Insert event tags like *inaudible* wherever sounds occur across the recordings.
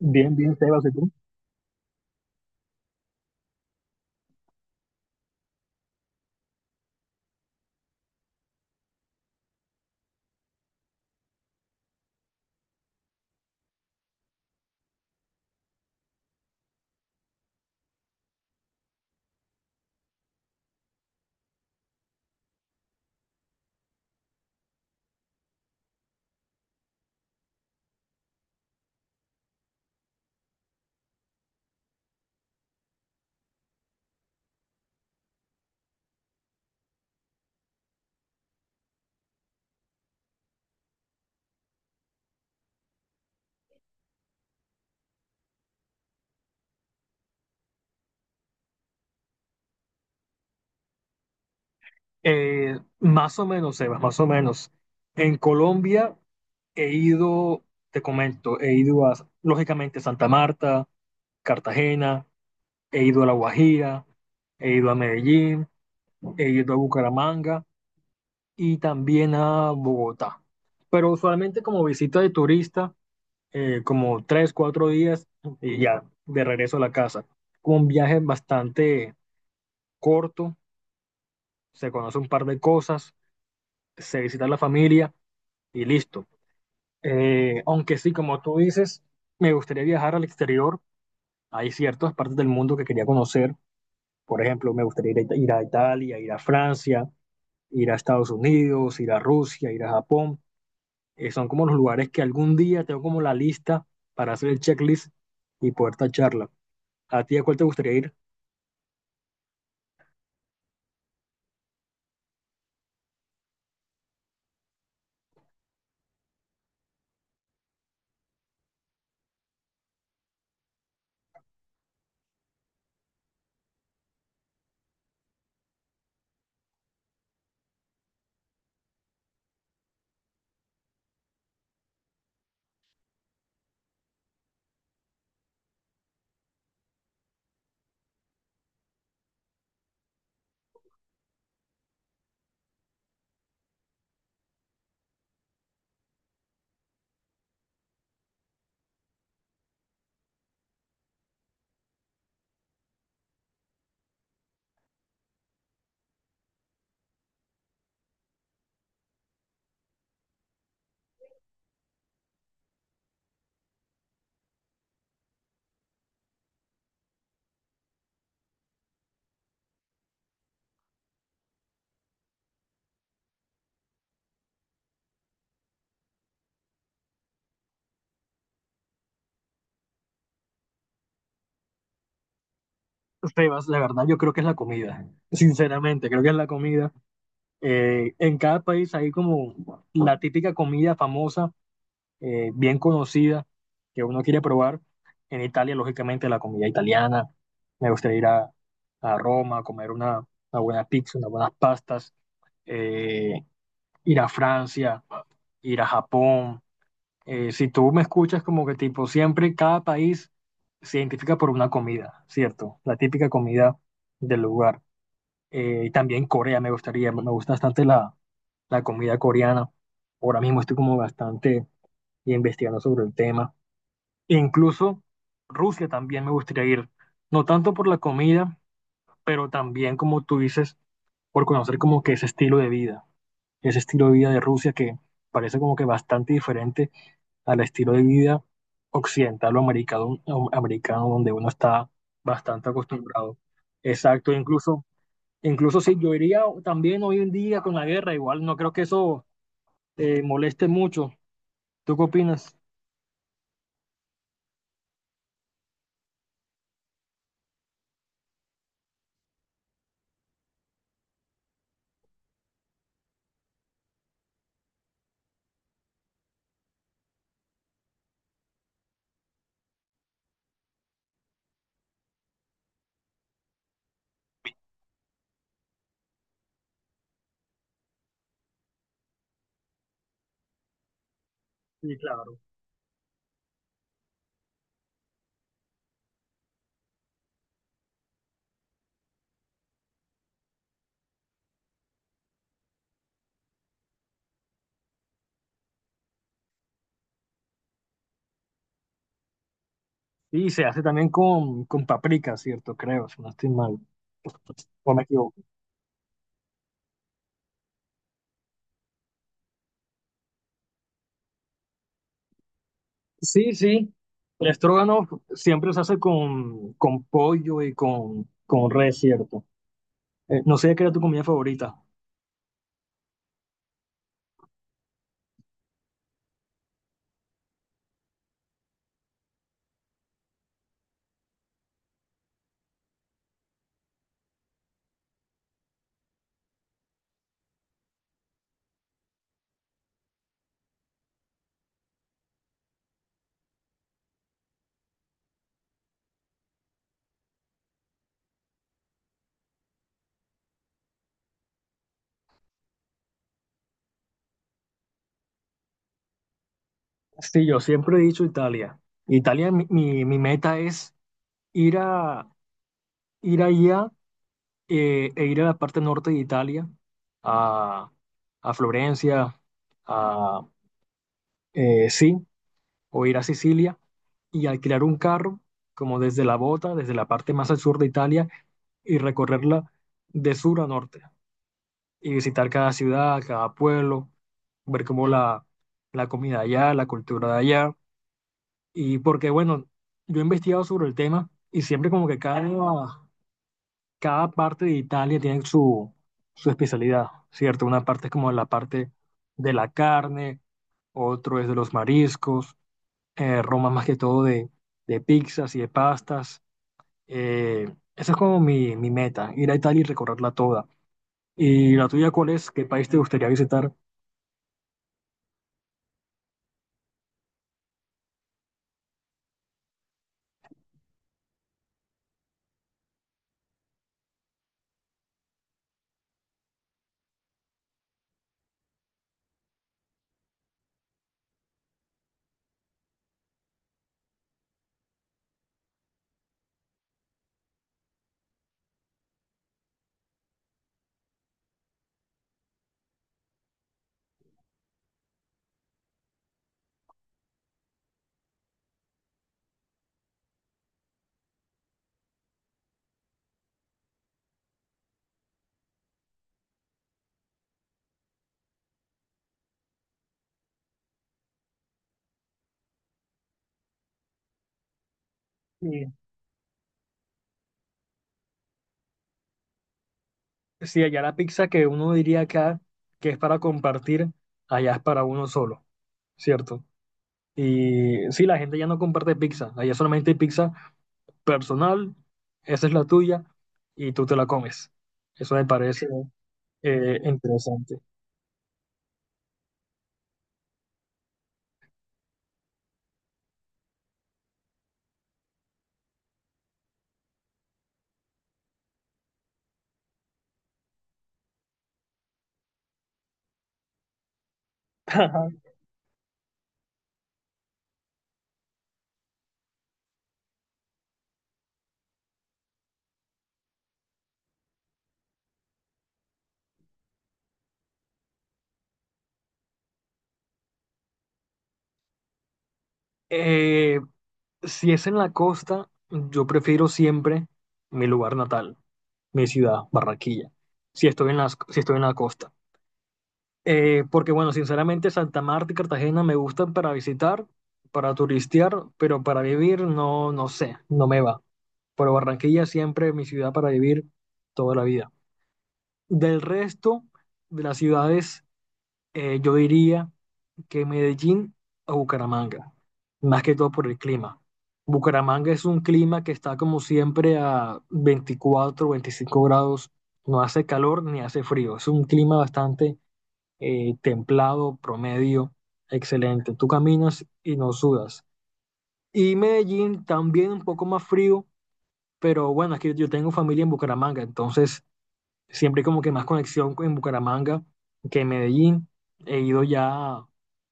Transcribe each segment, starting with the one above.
Bien, bien, Sebas, ¿y tú? Más o menos, Sebas, más o menos. En Colombia he ido, te comento, he ido a, lógicamente, Santa Marta, Cartagena, he ido a La Guajira, he ido a Medellín, he ido a Bucaramanga y también a Bogotá. Pero usualmente como visita de turista, como tres, cuatro días y ya, de regreso a la casa. Como un viaje bastante corto, se conoce un par de cosas, se visita a la familia y listo. Aunque sí, como tú dices, me gustaría viajar al exterior. Hay ciertas partes del mundo que quería conocer. Por ejemplo, me gustaría ir a Italia, ir a Francia, ir a Estados Unidos, ir a Rusia, ir a Japón. Son como los lugares que algún día tengo como la lista para hacer el checklist y poder tacharla. ¿A ti a cuál te gustaría ir? Sebas, la verdad yo creo que es la comida. Sinceramente, creo que es la comida. En cada país hay como la típica comida famosa, bien conocida, que uno quiere probar. En Italia, lógicamente, la comida italiana. Me gustaría ir a Roma a comer una buena pizza, unas buenas pastas, eh, ir a Francia, ir a Japón. Si tú me escuchas, como que tipo, siempre cada país se identifica por una comida, ¿cierto? La típica comida del lugar. Y también Corea me gusta bastante la comida coreana. Ahora mismo estoy como bastante investigando sobre el tema e incluso Rusia también me gustaría ir, no tanto por la comida, pero también, como tú dices, por conocer como que ese estilo de vida, ese estilo de vida de Rusia que parece como que bastante diferente al estilo de vida occidental o americano, o americano, donde uno está bastante acostumbrado. Exacto, incluso si yo iría también hoy en día con la guerra, igual no creo que eso, moleste mucho. ¿Tú qué opinas? Sí, claro. Y se hace también con paprika, ¿cierto? Creo, si no estoy mal. O me equivoco. Sí, sí. El estrógano siempre se hace con pollo y con res, ¿cierto? No sé qué era tu comida favorita. Sí, yo siempre he dicho Italia. Italia, mi meta es ir a ir allá, e ir a la parte norte de Italia, a, a Florencia, a, eh, sí, o ir a Sicilia y alquilar un carro, como desde la bota, desde la parte más al sur de Italia, y recorrerla de sur a norte, y visitar cada ciudad, cada pueblo, ver cómo la comida de allá, la cultura de allá, y porque, bueno, yo he investigado sobre el tema y siempre como que cada parte de Italia tiene su especialidad, ¿cierto? Una parte es como la parte de la carne, otro es de los mariscos, Roma más que todo de pizzas y de pastas. Eh, Esa es como mi meta, ir a Italia y recorrerla toda. ¿Y la tuya cuál es? ¿Qué país te gustaría visitar? Sí, sí, allá la pizza que uno diría acá que es para compartir, allá es para uno solo, ¿cierto? Y sí, la gente ya no comparte pizza, allá solamente hay pizza personal, esa es la tuya y tú te la comes. Eso me parece, interesante. *laughs* Eh, si es en la costa, yo prefiero siempre mi lugar natal, mi ciudad, Barranquilla, si estoy en las, si estoy en la costa. Porque bueno, sinceramente Santa Marta y Cartagena me gustan para visitar, para turistear, pero para vivir no, no sé, no me va. Pero Barranquilla siempre mi ciudad para vivir toda la vida. Del resto de las ciudades, yo diría que Medellín o Bucaramanga, más que todo por el clima. Bucaramanga es un clima que está como siempre a 24, 25 grados, no hace calor ni hace frío, es un clima bastante, templado, promedio, excelente. Tú caminas y no sudas. Y Medellín también un poco más frío, pero bueno, aquí yo tengo familia en Bucaramanga, entonces siempre hay como que más conexión en Bucaramanga que en Medellín. He ido ya,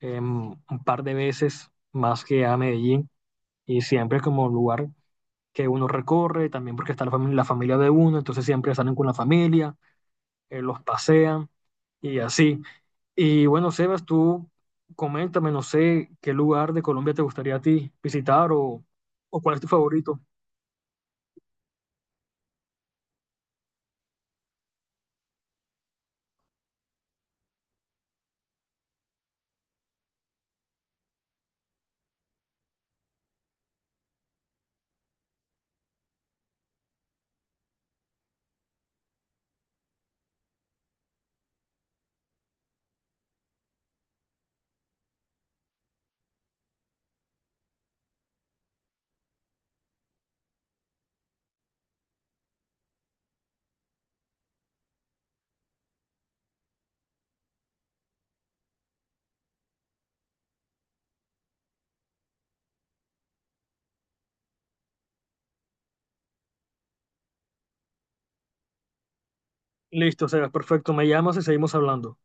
un par de veces más que a Medellín, y siempre es como un lugar que uno recorre, también porque está la familia de uno, entonces siempre salen con la familia, los pasean y así. Y bueno, Sebas, tú coméntame, no sé qué lugar de Colombia te gustaría a ti visitar, o cuál es tu favorito. Listo, Sebas, perfecto, me llamas y seguimos hablando.